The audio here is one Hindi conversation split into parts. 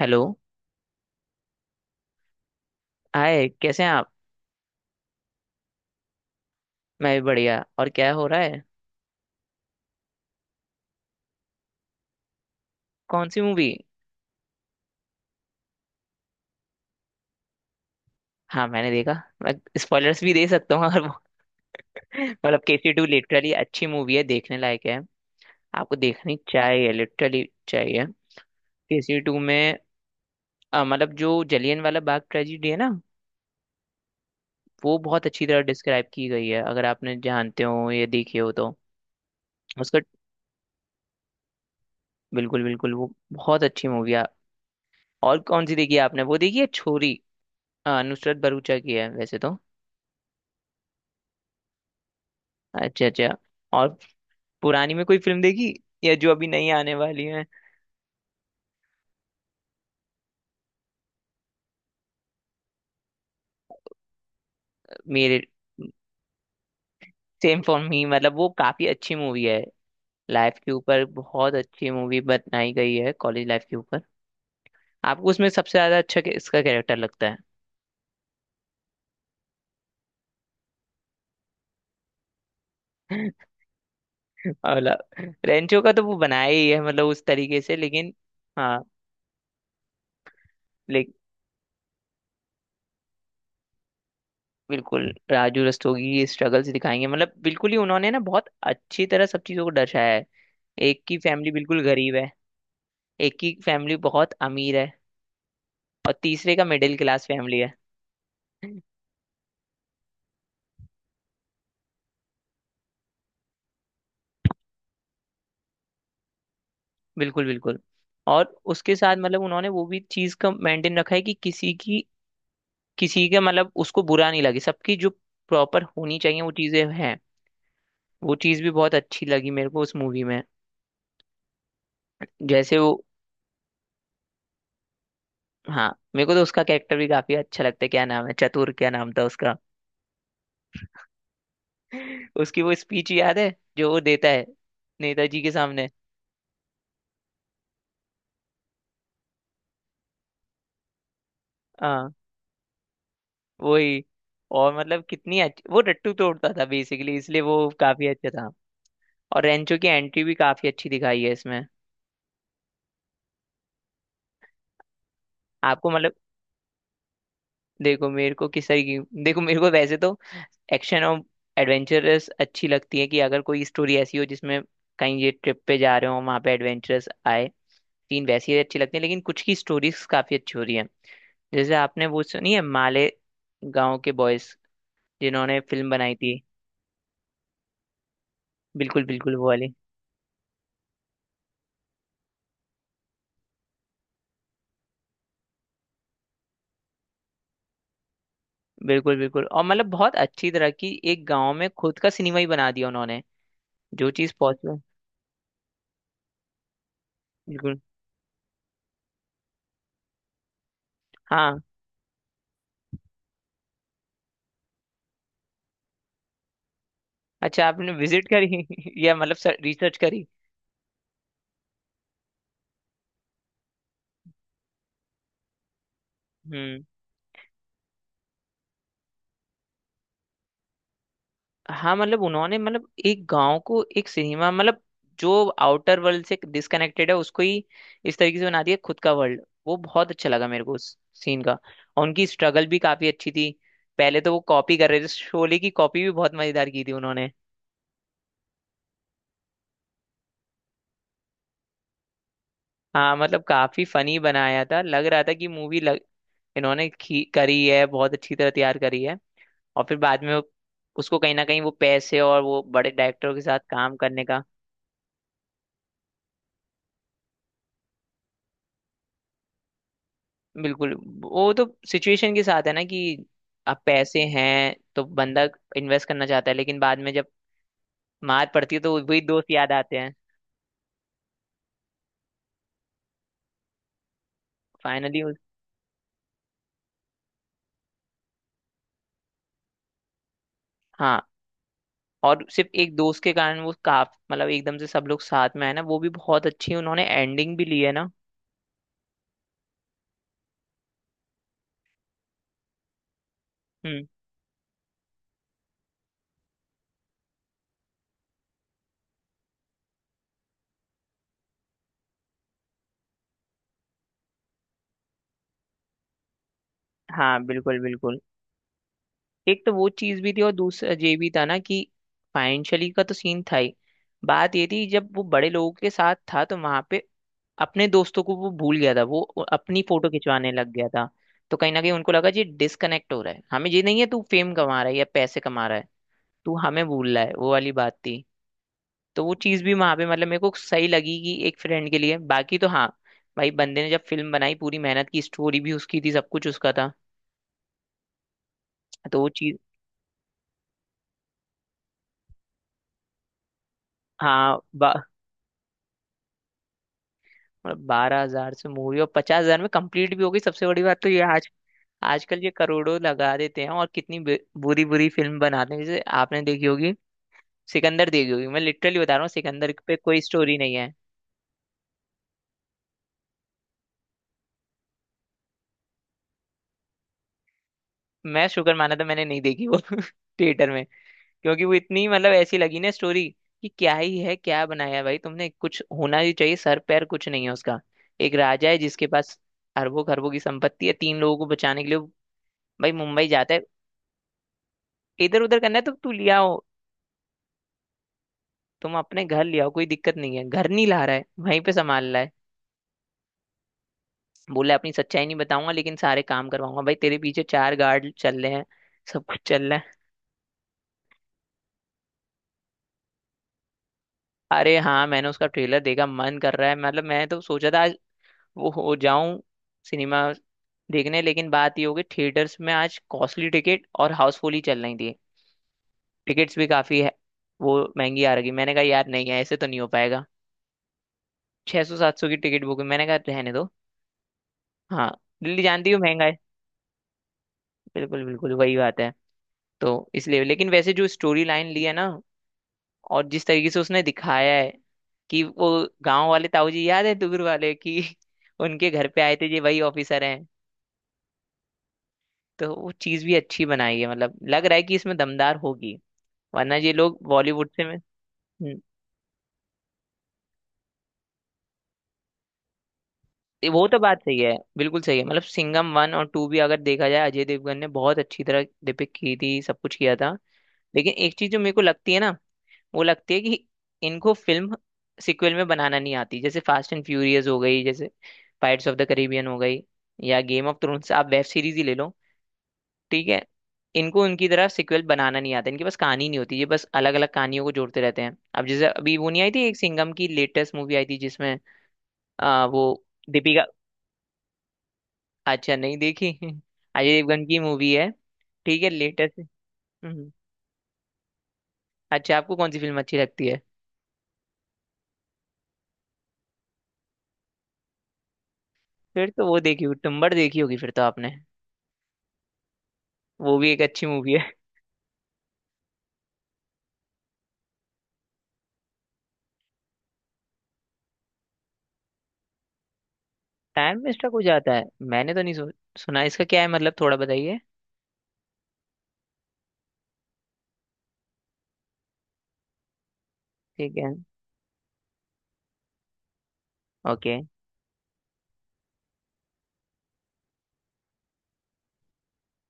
हेलो। हाय, कैसे हैं आप? मैं भी बढ़िया। और क्या हो रहा है? कौन सी मूवी? हाँ मैंने देखा। मैं स्पॉयलर्स भी दे सकता हूँ अगर वो मतलब केसी टू लिटरली अच्छी मूवी है, देखने लायक है। आपको देखनी चाहिए, लिटरली चाहिए। केसी टू में मतलब जो जलियन वाला बाग ट्रेजिडी है ना, वो बहुत अच्छी तरह डिस्क्राइब की गई है, अगर आपने जानते हो या देखी हो तो। उसका बिल्कुल बिल्कुल वो बहुत अच्छी मूवी है। और कौन सी देखी है आपने? वो देखी है छोरी? नुसरत भरूचा की है वैसे तो। अच्छा अच्छा। और पुरानी में कोई फिल्म देखी, या जो अभी नई आने वाली है? मेरे सेम फॉर मी, मतलब वो काफी अच्छी मूवी है। लाइफ के ऊपर बहुत अच्छी मूवी बनाई गई है, कॉलेज लाइफ के ऊपर। आपको उसमें सबसे ज्यादा अच्छा इसका कैरेक्टर लगता है? मतलब रेंचो का तो वो बनाया ही है मतलब उस तरीके से, लेकिन हाँ ले बिल्कुल। राजू रस्तोगी की स्ट्रगल्स दिखाएंगे मतलब बिल्कुल ही उन्होंने ना बहुत अच्छी तरह सब चीजों को दर्शाया है। एक की फैमिली बिल्कुल गरीब है, एक की फैमिली बहुत अमीर है, और तीसरे का मिडिल क्लास फैमिली है। बिल्कुल बिल्कुल। और उसके साथ मतलब उन्होंने वो भी चीज का मेंटेन रखा है कि किसी की, किसी के मतलब उसको बुरा नहीं लगे, सबकी जो प्रॉपर होनी चाहिए वो चीजें हैं। वो चीज भी बहुत अच्छी लगी मेरे को उस मूवी में, जैसे वो हाँ। मेरे को तो उसका कैरेक्टर भी काफी अच्छा लगता है, क्या नाम है चतुर, क्या नाम था उसका? उसकी वो स्पीच याद है जो वो देता है नेताजी के सामने? हाँ वही। और मतलब कितनी अच्छी वो टट्टू तोड़ता था बेसिकली, इसलिए वो काफी अच्छा था। और रेंचो की एंट्री भी काफी अच्छी दिखाई है इसमें। आपको मतलब, देखो मेरे को किस तरीके की, देखो मेरे को वैसे तो एक्शन और एडवेंचरस अच्छी लगती है, कि अगर कोई स्टोरी ऐसी हो जिसमें कहीं ये ट्रिप पे जा रहे हो, वहां पे एडवेंचरस आए। तीन वैसी अच्छी लगती है, लेकिन कुछ की स्टोरीज काफी अच्छी हो रही है। जैसे आपने वो सुनी है माले गांव के बॉयज जिन्होंने फिल्म बनाई थी? बिल्कुल बिल्कुल वो वाली। बिल्कुल बिल्कुल। और मतलब बहुत अच्छी तरह की एक गांव में खुद का सिनेमा ही बना दिया उन्होंने। जो चीज पॉसिबल, बिल्कुल। हाँ अच्छा आपने विजिट करी? या मतलब रिसर्च करी? हम्म। हाँ मतलब उन्होंने मतलब एक गांव को एक सिनेमा, मतलब जो आउटर वर्ल्ड से डिस्कनेक्टेड है उसको ही इस तरीके से बना दिया खुद का वर्ल्ड। वो बहुत अच्छा लगा मेरे को उस सीन का। और उनकी स्ट्रगल भी काफी अच्छी थी। पहले तो वो कॉपी कर रहे थे, शोले की कॉपी भी बहुत मजेदार की थी उन्होंने। हाँ मतलब काफी फनी बनाया था, लग रहा था कि मूवी लग, इन्होंने करी है, बहुत अच्छी तरह तैयार करी है। और फिर बाद में वो, उसको कहीं ना कहीं वो पैसे और वो बड़े डायरेक्टरों के साथ काम करने का, बिल्कुल। वो तो सिचुएशन के साथ है ना कि अब पैसे हैं तो बंदा इन्वेस्ट करना चाहता है, लेकिन बाद में जब मार पड़ती है तो वही दोस्त याद आते हैं। फाइनली उस हाँ। और सिर्फ एक दोस्त के कारण वो काफ मतलब एकदम से सब लोग साथ में आए ना, वो भी बहुत अच्छी उन्होंने एंडिंग भी ली है ना। हम्म। हाँ बिल्कुल बिल्कुल। एक तो वो चीज भी थी और दूसरा ये भी था ना कि फाइनेंशियली का तो सीन था ही। बात ये थी जब वो बड़े लोगों के साथ था तो वहां पे अपने दोस्तों को वो भूल गया था, वो अपनी फोटो खिंचवाने लग गया था। तो कहीं ना कहीं उनको लगा जी डिस्कनेक्ट हो रहा है, हमें ये नहीं है, तू फेम कमा रहा है या पैसे कमा रहा है, तू हमें भूल रहा है, वो वाली बात थी। तो वो चीज भी वहां पे मतलब मेरे को सही लगी कि एक फ्रेंड के लिए बाकी तो हाँ भाई, बंदे ने जब फिल्म बनाई पूरी मेहनत की, स्टोरी भी उसकी थी, सब कुछ उसका था। तो वो चीज हाँ। मतलब 12,000 से मूवी और 50,000 में कंप्लीट भी हो गई, सबसे बड़ी बात तो ये आज आजकल ये करोड़ों लगा देते हैं और कितनी बुरी बुरी फिल्म बनाते हैं, जैसे आपने देखी होगी सिकंदर देखी होगी। मैं लिटरली बता रहा हूँ, सिकंदर पे कोई स्टोरी नहीं है। मैं शुक्र माना था मैंने नहीं देखी वो थिएटर में, क्योंकि वो इतनी मतलब ऐसी लगी ना स्टोरी कि क्या ही है, क्या बनाया है भाई तुमने, कुछ होना ही चाहिए, सर पैर कुछ नहीं है उसका। एक राजा है जिसके पास अरबों खरबों की संपत्ति है, 3 लोगों को बचाने के लिए वो भाई मुंबई जाता है। इधर उधर करना है तो तू लिया, तुम अपने घर ले आओ कोई दिक्कत नहीं है, घर नहीं ला रहा है, वहीं पे संभाल रहा है। बोला अपनी सच्चाई नहीं बताऊंगा लेकिन सारे काम करवाऊंगा, भाई तेरे पीछे 4 गार्ड चल रहे हैं, सब कुछ चल रहा है। अरे हाँ मैंने उसका ट्रेलर देखा, मन कर रहा है, मतलब मैं तो सोचा था आज वो हो जाऊं सिनेमा देखने, लेकिन बात ये हो गई थिएटर्स में आज कॉस्टली टिकट और हाउसफुल ही चल रही थी। टिकट्स भी काफी है, वो महंगी आ रही, मैंने कहा यार नहीं है ऐसे तो नहीं हो पाएगा। 600-700 की टिकट बुक, मैंने कहा रहने दो। हाँ, दिल्ली जानती हो महंगा है। बिल्कुल बिल्कुल वही बात है। तो इसलिए, लेकिन वैसे जो स्टोरी लाइन ली है ना और जिस तरीके से उसने दिखाया है कि वो गांव वाले ताऊ जी याद है दूर वाले कि उनके घर पे आए थे ये वही ऑफिसर हैं। तो वो चीज भी अच्छी बनाई है, मतलब लग रहा है कि इसमें दमदार होगी, वरना ये लोग बॉलीवुड से में हम्म, ये वो तो बात सही है, बिल्कुल सही है। मतलब सिंघम 1 और 2 भी अगर देखा जाए, अजय देवगन ने बहुत अच्छी तरह डिपिक्ट की थी, सब कुछ किया था, लेकिन एक चीज जो मेरे को लगती है ना, वो लगती है कि इनको फिल्म सिक्वल में बनाना नहीं आती। जैसे फास्ट एंड फ्यूरियस हो गई, जैसे पायरेट्स ऑफ द करेबियन हो गई, या गेम ऑफ थ्रोन्स, आप वेब सीरीज ही ले लो, ठीक है। इनको उनकी तरह सिक्वल बनाना नहीं आता, इनके पास कहानी नहीं होती, ये बस अलग अलग कहानियों को जोड़ते रहते हैं। अब जैसे अभी वो नहीं आई थी एक सिंघम की लेटेस्ट मूवी आई थी जिसमें वो दीपिका, अच्छा नहीं देखी? अजय देवगन की मूवी है, ठीक है लेटेस्ट। अच्छा आपको कौन सी फिल्म अच्छी लगती है? फिर तो वो देखी होगी, तुम्बाड़ देखी होगी फिर तो आपने? वो भी एक अच्छी मूवी है। टाइम में स्टक हो जाता है? मैंने तो नहीं सुना इसका, क्या है मतलब थोड़ा बताइए। ठीक है। ओके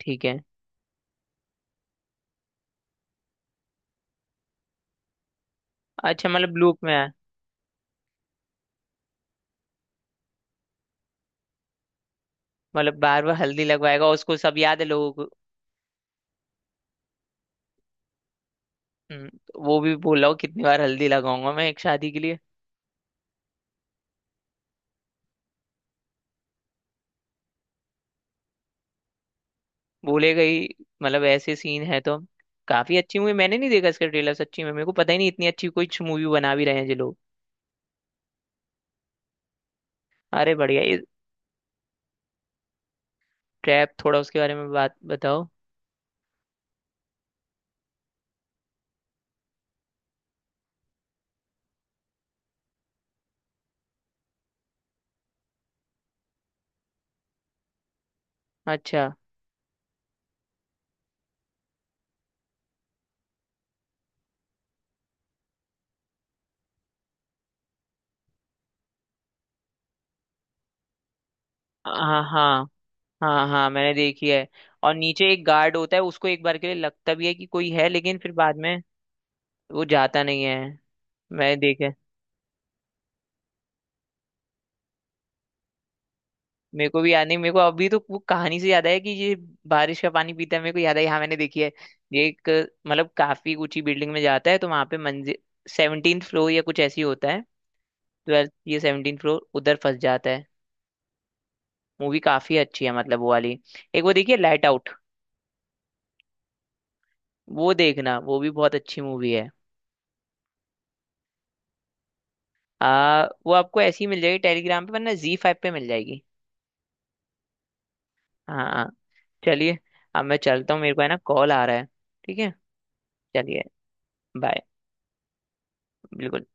ठीक है। अच्छा मतलब लूप में है? मतलब बार बार हल्दी लगवाएगा? उसको सब याद है लोगों को? तो वो भी बोल रहा हूँ कितनी बार हल्दी लगाऊंगा मैं एक शादी के लिए। बोलेगा ही, मतलब ऐसे सीन है तो काफी अच्छी मूवी। मैंने नहीं देखा इसका ट्रेलर सच्ची में, मेरे को पता ही नहीं इतनी अच्छी कोई मूवी बना भी रहे हैं ये लोग। अरे बढ़िया। इस ट्रैप थोड़ा उसके बारे में बात बताओ। अच्छा हाँ हाँ। हाँ हाँ मैंने देखी है। और नीचे एक गार्ड होता है उसको एक बार के लिए लगता भी है कि कोई है, लेकिन फिर बाद में वो जाता नहीं है। मैंने देखा है। मेरे को भी याद नहीं, मेरे को अभी तो वो कहानी से याद आया कि ये बारिश का पानी पीता है मेरे को याद है, हाँ मैंने देखी है। ये एक मतलब काफी ऊंची बिल्डिंग में जाता है तो वहां पे मंजिल 17 फ्लोर या कुछ ऐसी होता है, 12th या 17 फ्लोर उधर फंस जाता है। मूवी काफी अच्छी है, मतलब वो वाली। एक वो देखिए, लाइट आउट, वो देखना, वो भी बहुत अच्छी मूवी है। वो आपको ऐसी मिल जाएगी टेलीग्राम पे, वरना ZEE5 पे मिल जाएगी। हाँ हाँ, चलिए। अब मैं चलता हूँ, मेरे को है ना कॉल आ रहा है। ठीक है। चलिए बाय। बिल्कुल।